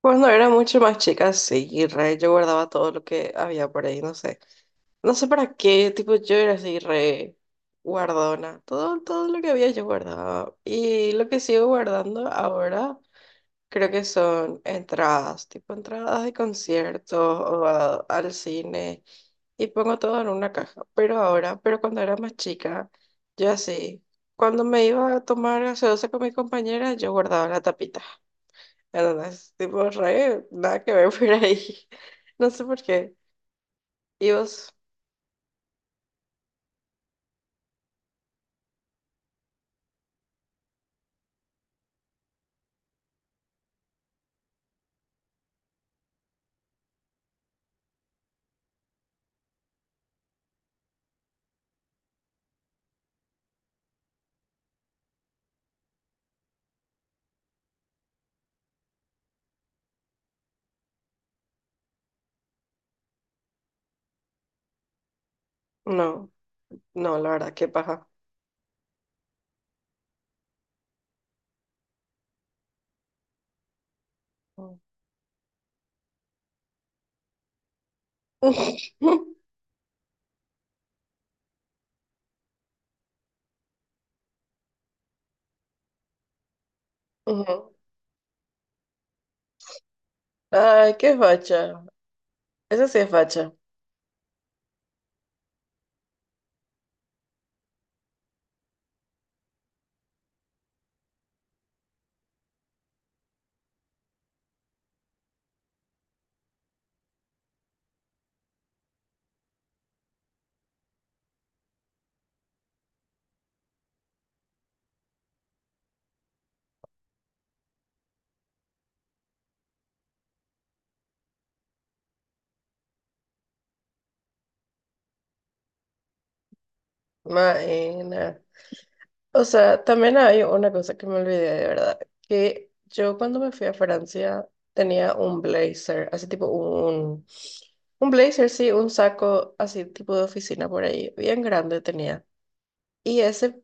Cuando era mucho más chica, sí, re, yo guardaba todo lo que había por ahí, no sé. No sé para qué, tipo, yo era así, re guardona. Todo, todo lo que había yo guardaba. Y lo que sigo guardando ahora, creo que son entradas, tipo entradas de conciertos o al cine. Y pongo todo en una caja. Pero cuando era más chica, yo así, cuando me iba a tomar gaseosa con mi compañera, yo guardaba la tapita. La verdad es tipo re, nada que ver por ahí. No sé por qué. ¿Y vos? No, no, la verdad, qué paja. Mm. Ujú. Ay, qué facha. Eso sí es facha. Maena. O sea, también hay una cosa que me olvidé de verdad, que yo cuando me fui a Francia tenía un blazer, así tipo un blazer, sí, un saco así tipo de oficina por ahí, bien grande tenía. Y ese,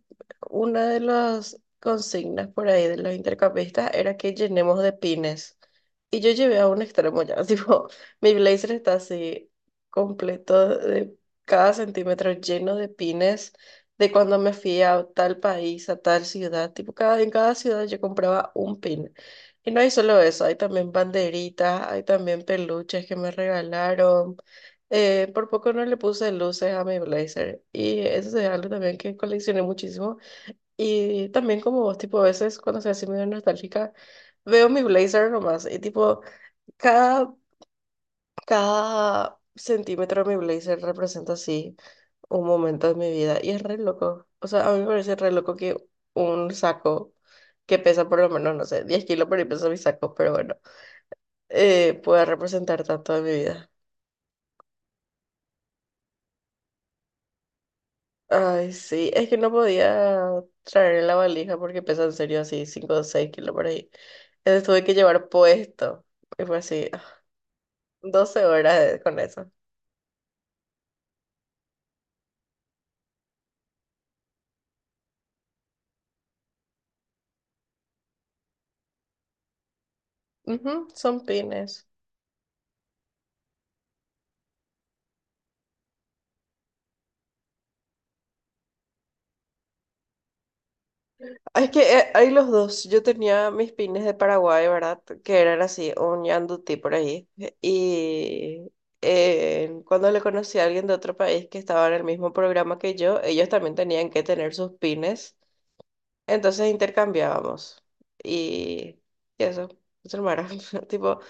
una de las consignas por ahí de los intercampistas era que llenemos de pines. Y yo llevé a un extremo ya, tipo, mi blazer está así completo de cada centímetro lleno de pines de cuando me fui a tal país, a tal ciudad, tipo, en cada ciudad yo compraba un pin. Y no hay solo eso, hay también banderitas, hay también peluches que me regalaron. Por poco no le puse luces a mi blazer y eso es algo también que coleccioné muchísimo. Y también como vos, tipo, a veces cuando soy así medio nostálgica, veo mi blazer nomás y tipo, cada, cada centímetro de mi blazer representa así un momento de mi vida y es re loco. O sea, a mí me parece re loco que un saco que pesa por lo menos, no sé, 10 kilos por ahí pesa mi saco, pero bueno, pueda representar tanto de mi vida. Ay, sí, es que no podía traer la valija porque pesa en serio así 5 o 6 kilos por ahí. Entonces tuve que llevar puesto. Y fue así, ah, 12 horas con eso. Ujú, son pines. Ah, es que hay los dos. Yo tenía mis pines de Paraguay, ¿verdad? Que eran así, un yandutí por ahí. Y cuando le conocí a alguien de otro país que estaba en el mismo programa que yo, ellos también tenían que tener sus pines. Entonces intercambiábamos y, y eso, eso no era, tipo,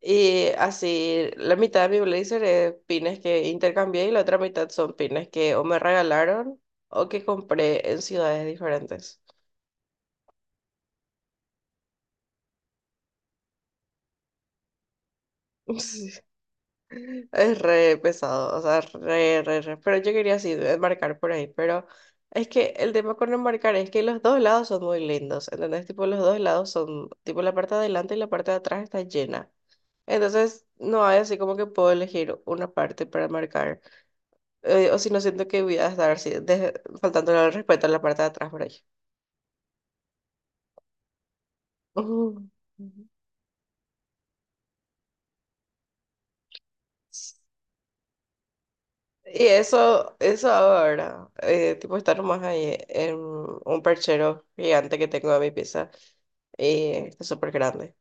y así la mitad de mi blazer es pines que intercambié y la otra mitad son pines que o me regalaron o que compré en ciudades diferentes. Sí, es re pesado, o sea, re, re, re, pero yo quería así enmarcar por ahí, pero es que el tema con enmarcar es que los dos lados son muy lindos, ¿entendés? Tipo, los dos lados son, tipo, la parte de adelante y la parte de atrás está llena. Entonces, no hay así como que puedo elegir una parte para marcar. O si no, siento que voy a estar así, faltándole al respeto a la parte de atrás por ahí. Ujú. Y eso ahora, tipo estar más ahí en un perchero gigante que tengo en mi pieza, y es súper grande.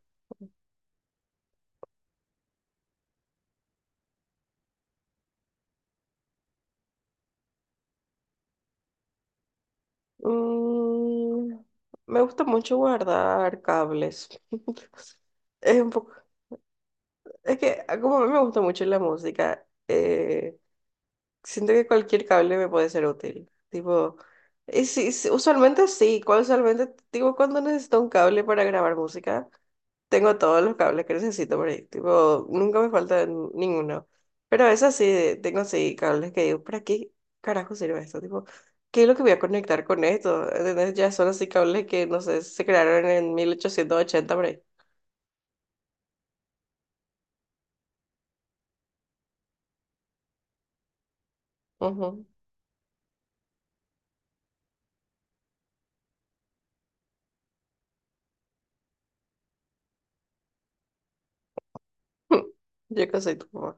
Mm, Me gusta mucho guardar cables. Es un poco, es que como a mí me gusta mucho la música, siento que cualquier cable me puede ser útil. Tipo, sí, sí, usualmente sí. Usualmente, tipo, cuando necesito un cable para grabar música, tengo todos los cables que necesito por ahí. Tipo, nunca me falta ninguno. Pero a veces sí tengo sí cables que digo, ¿para qué carajo sirve esto? Tipo, ¿qué es lo que voy a conectar con esto? ¿Entendés? Ya son así cables que, no sé, se crearon en 1880 por ahí. Ujú. Yo qué sé, tu mamá.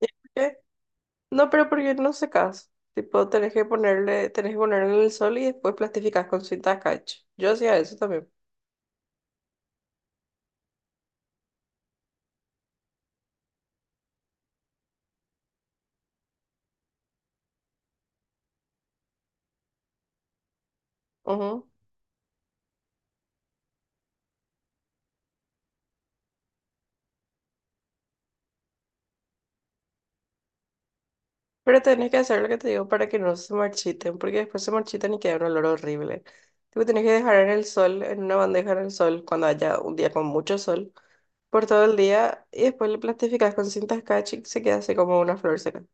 No, pero porque no secas. Tipo, tenés que ponerle en el sol y después plastificás con cinta catch. Yo hacía eso también. Ujú. Pero tenés que hacer lo que te digo para que no se marchiten, porque después se marchitan y queda un olor horrible. Tipo, tenés que dejar en el sol, en una bandeja en el sol, cuando haya un día con mucho sol, por todo el día, y después le plastificás con cinta catch y se queda así como una flor seca.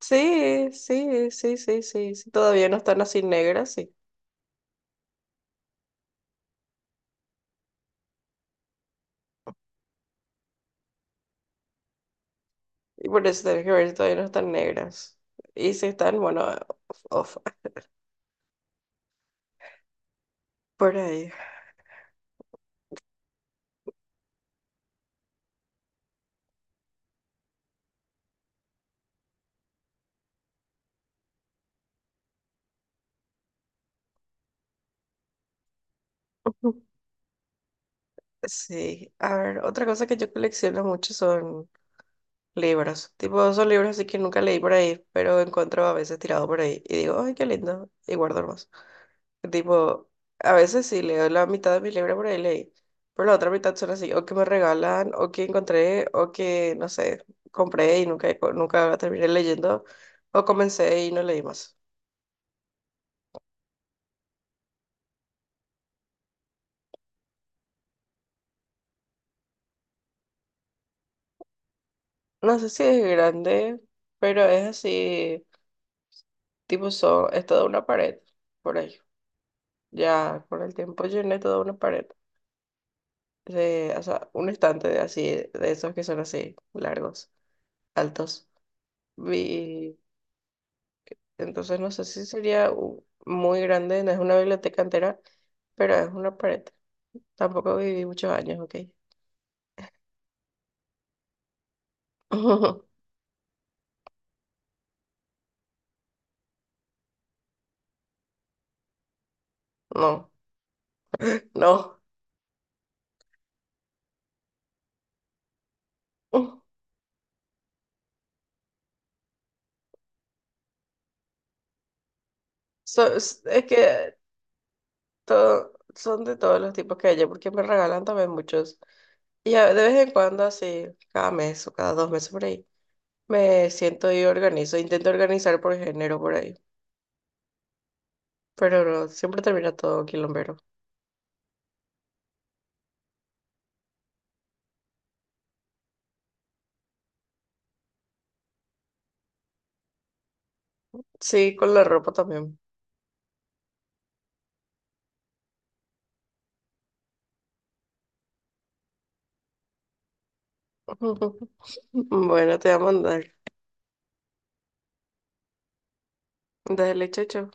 Sí, sí, sí, sí, sí, sí. Todavía no están así negras, sí. Y por eso tenés que ver si todavía no están negras. Y si están, bueno, off, off, por ahí. Ujú. Sí, a ver, otra cosa que yo colecciono mucho son libros. Tipo, son libros así que nunca leí por ahí, pero encuentro a veces tirado por ahí. Y digo, ay, qué lindo. Y guardo más. Tipo, a veces sí leo la mitad de mis libros por ahí leí. Pero la otra mitad son así, o que me regalan, o que encontré, o que, no sé, compré y nunca, nunca terminé leyendo, o comencé y no leí más. No sé si es grande, pero es así, tipo, son, es toda una pared, por ahí. Ya con el tiempo llené toda una pared. O sea, un estante de así, de esos que son así, largos, altos. Vi, entonces no sé si sería muy grande, no es una biblioteca entera, pero es una pared. Tampoco viví muchos años, ¿ok? No, no. Es que todo, son de todos los tipos que hay, porque me regalan también muchos. Y de vez en cuando, así, cada mes o cada dos meses por ahí, me siento y organizo. Intento organizar por género por ahí. Pero no, siempre termina todo quilombero. Sí, con la ropa también. Bueno, te voy a mandar. Dale, chocho.